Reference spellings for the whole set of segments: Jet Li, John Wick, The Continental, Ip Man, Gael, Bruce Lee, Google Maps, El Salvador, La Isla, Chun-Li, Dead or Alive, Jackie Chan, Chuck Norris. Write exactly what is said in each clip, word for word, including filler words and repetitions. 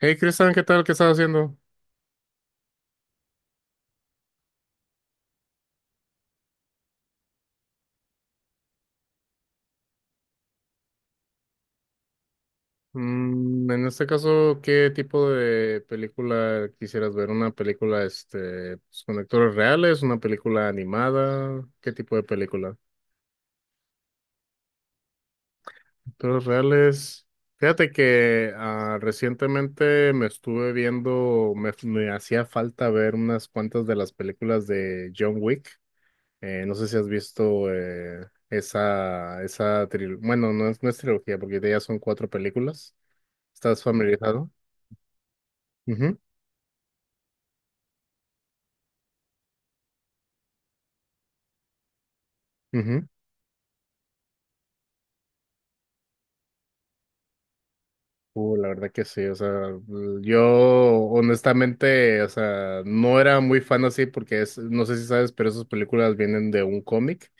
Hey Cristian, ¿qué tal? ¿Qué estás haciendo? Mm, en este caso, ¿qué tipo de película quisieras ver? ¿Una película este, pues, con actores reales? ¿Una película animada? ¿Qué tipo de película? Actores reales. Fíjate que ah, recientemente me estuve viendo, me, me hacía falta ver unas cuantas de las películas de John Wick. Eh, no sé si has visto eh, esa, esa trilogía. Bueno, no es, no es trilogía porque de ellas son cuatro películas. ¿Estás familiarizado? Ujú, ujú. Uh, la verdad que sí. O sea, yo honestamente, o sea, no era muy fan así porque es, no sé si sabes, pero esas películas vienen de un cómic.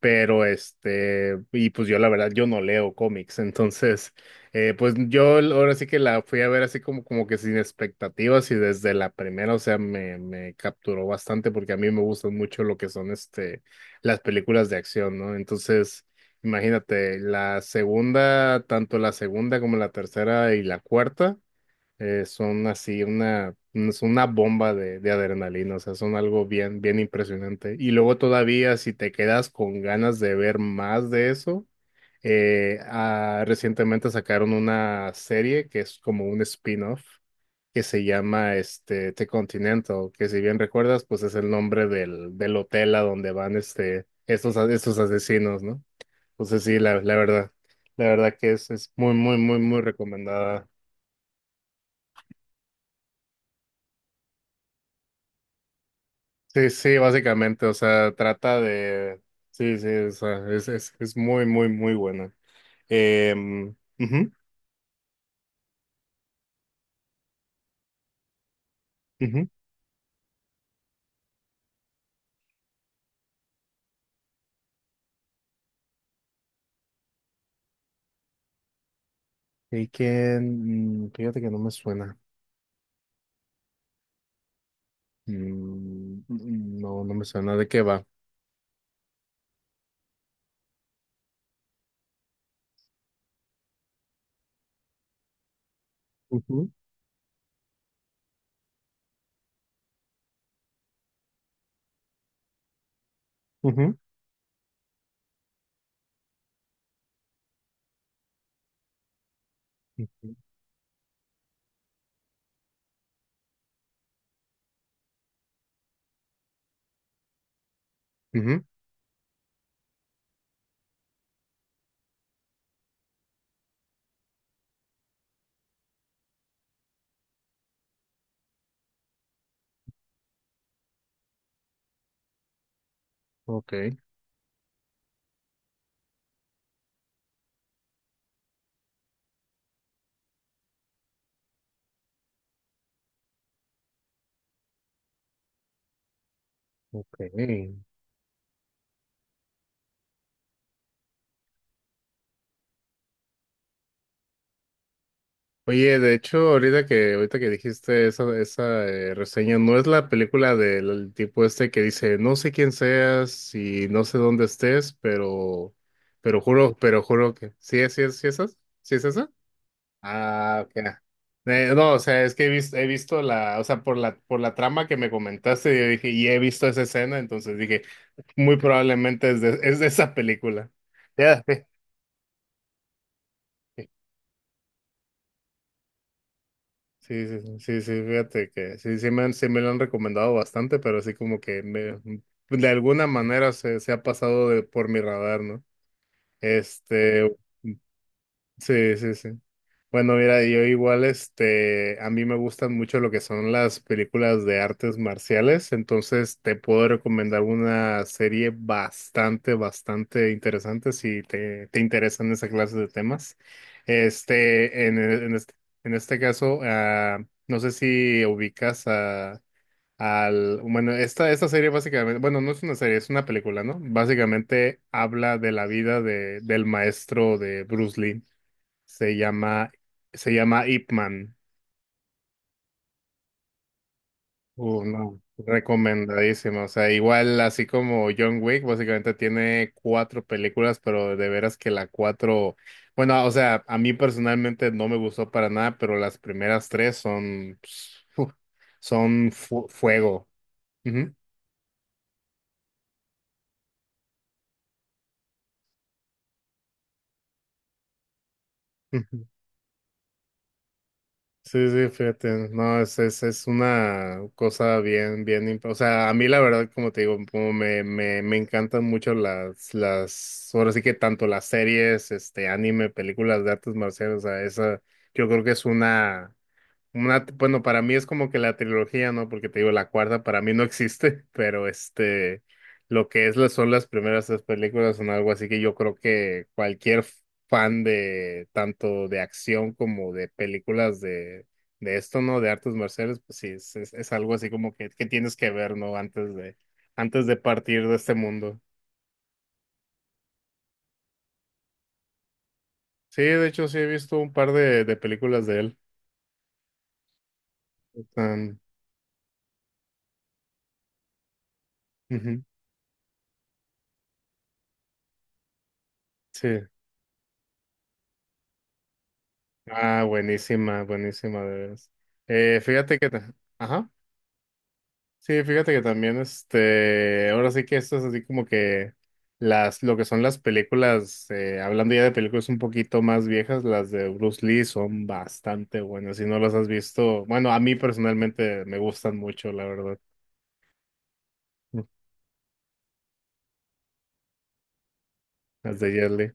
Pero este, y pues yo la verdad, yo no leo cómics. Entonces, eh, pues yo l- ahora sí que la fui a ver así como, como que sin expectativas, y desde la primera, o sea, me, me capturó bastante porque a mí me gustan mucho lo que son este, las películas de acción, ¿no? Entonces, imagínate, la segunda, tanto la segunda como la tercera y la cuarta. Eh, son así una, es una bomba de, de adrenalina. O sea, son algo bien, bien impresionante. Y luego todavía, si te quedas con ganas de ver más de eso, eh, ah, recientemente sacaron una serie que es como un spin-off que se llama este The Continental, que si bien recuerdas, pues es el nombre del, del hotel a donde van este, estos, a- estos asesinos, ¿no? Entonces sí, la, la verdad, la verdad que es, es muy, muy, muy, muy recomendada. Sí, sí, básicamente, o sea, trata de... Sí, sí, o sea, es, es, es muy, muy, muy buena. Em, ujú, ujú. Y que, mm, fíjate que no me suena. Mm, mm, no, no me suena de qué va. Ujú, ujú, ujú, ujú. Ok, ok. Oye, de hecho, ahorita que, ahorita que dijiste esa, esa eh, reseña, no es la película del tipo este que dice, no sé quién seas y no sé dónde estés, pero, pero juro, pero juro que, sí, es- sí, es- sí, es esa, sí es esa. Ah, ok. Eh, no, o sea, es que he visto, he visto la, o sea, por la, por la trama que me comentaste, yo dije, y he visto esa escena, entonces dije, muy probablemente es de, es de esa película. Ya. Sí, sí, sí, sí, sí, fíjate que sí, sí me han, sí me lo han recomendado bastante, pero así como que me, de alguna manera se, se ha pasado de, por mi radar, ¿no? Este, sí, sí, sí. Bueno, mira, yo igual, este, a mí me gustan mucho lo que son las películas de artes marciales. Entonces te puedo recomendar una serie bastante, bastante interesante si te, te interesan esa clase de temas. Este, en, en este, en este caso, ah, no sé si ubicas a, al, bueno, esta, esta serie básicamente, bueno, no es una serie, es una película, ¿no? Básicamente habla de la vida de, del maestro de Bruce Lee. Se llama, se llama Ip Man. Uh, no, recomendadísimo. O sea, igual así como John Wick, básicamente tiene cuatro películas, pero de veras que la cuatro, bueno, o sea, a mí personalmente no me gustó para nada, pero las primeras tres son, pss, uf, son fu- fuego. Ujú. Sí, sí, fíjate, no, es, es, es una cosa bien, bien, imp- o sea, a mí la verdad, como te digo, como me, me, me encantan mucho las, las, ahora sí que tanto las series, este, anime, películas de artes marciales, o sea, esa, yo creo que es una, una, bueno, para mí es como que la trilogía, ¿no? Porque te digo, la cuarta para mí no existe, pero este, lo que es, la- son las primeras tres películas son algo así que yo creo que cualquier fan de tanto de acción como de películas de, de esto, ¿no? De artes marciales, pues sí, es, es, es algo así como que, que tienes que ver, ¿no? Antes de, antes de partir de este mundo. Sí, de hecho sí he visto un par de, de películas de él. Están- ujú, sí. Ah, buenísima, buenísima, de veras. Eh, fíjate que, ta- ajá, sí, fíjate que también, este, ahora sí que esto es así como que las, lo que son las películas, eh, hablando ya de películas un poquito más viejas, las de Bruce Lee son bastante buenas. Si no las has visto, bueno, a mí personalmente me gustan mucho, la verdad, las de Jet Li.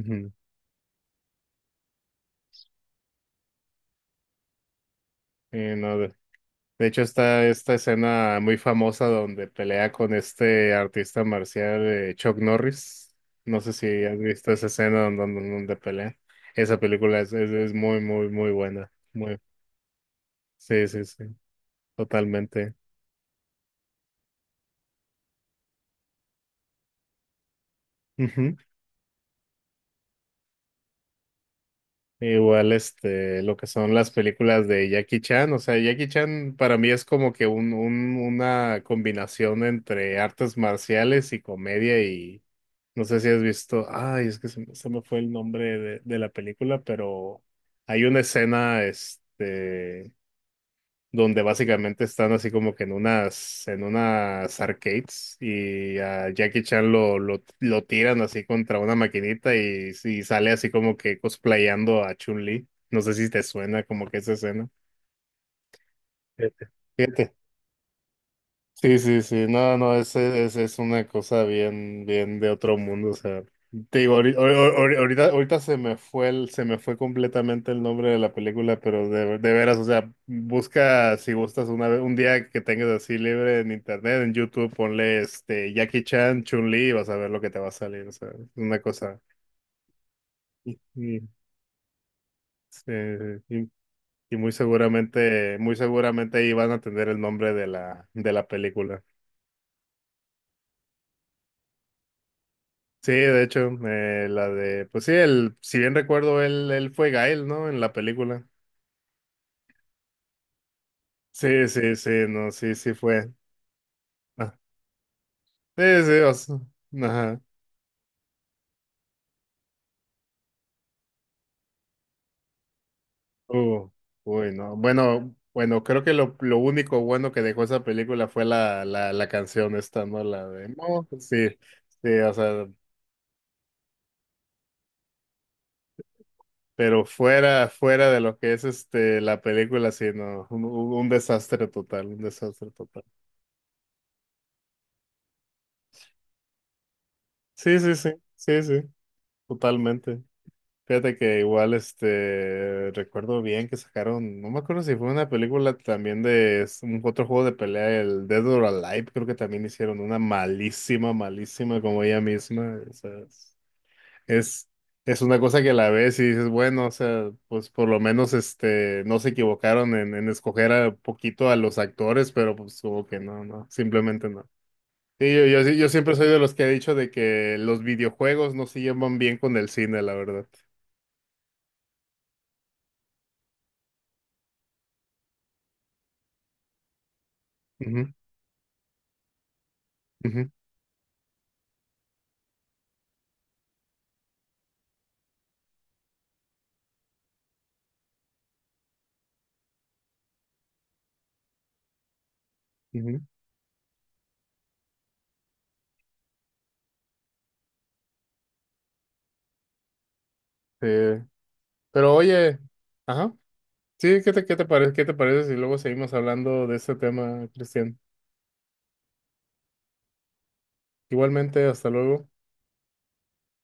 Ujú. Eh, no, de hecho, está esta escena muy famosa donde pelea con este artista marcial eh, Chuck Norris. No sé si has visto esa escena donde, donde- donde pelea. Esa película es, es, es muy, muy, muy buena. Muy, sí, sí, sí, totalmente. Ujú. Igual, este, lo que son las películas de Jackie Chan. O sea, Jackie Chan para mí es como que un, un, una combinación entre artes marciales y comedia y no sé si has visto, ay, es que se, me se me fue el nombre de, de la película. Pero hay una escena, este, donde básicamente están así como que en unas, en unas arcades, y a Jackie Chan lo, lo, lo tiran así contra una maquinita, y, y sale así como que cosplayando a Chun-Li. No sé si te suena como que esa escena. Fíjate. Fíjate. Sí, sí, sí, no, no, ese, ese es una cosa bien, bien de otro mundo. O sea, te digo, ahori- ahor- ahor- ahorita, ahorita se me fue el, se me fue completamente el nombre de la película, pero de, de veras, o sea, busca si gustas una vez, un día que tengas así libre en internet, en YouTube, ponle este Jackie Chan, Chun-Li, y vas a ver lo que te va a salir. O sea, es una cosa. Y, y, eh, y- y muy seguramente, muy seguramente ahí van a tener el nombre de la, de la película. Sí, de hecho, eh, la de, pues sí, el, si bien recuerdo, él, él fue Gael, ¿no? En la película. Sí, sí, sí, no, sí, sí fue. Ah, sí, sí, o sea, ajá. Uh, uy, no. Bueno, bueno, creo que lo, lo único bueno que dejó esa película fue la, la, la canción esta, ¿no? La de, no, sí, sí, o sea, pero fuera, fuera de lo que es este, la película. Sí, no, un, un un desastre total, un desastre total. Sí, sí, sí, sí, sí, totalmente. Fíjate que igual, este, recuerdo bien que sacaron, no me acuerdo si fue una película también de es un otro juego de pelea, el Dead or Alive, creo que también hicieron una malísima, malísima como ella misma. O sea, es, es es una cosa que la ves y dices, bueno, o sea, pues por lo menos, este, no se equivocaron en, en escoger a poquito a los actores, pero pues como que no, no, simplemente no. Sí, yo, yo, sí, yo siempre soy de los que he dicho de que los videojuegos no se llevan bien con el cine, la verdad. Ujú, ujú. Ujú. Eh, pero oye, ajá, sí, ¿qué te, qué te parece, qué te parece si luego seguimos hablando de este tema, Cristian? Igualmente, hasta luego.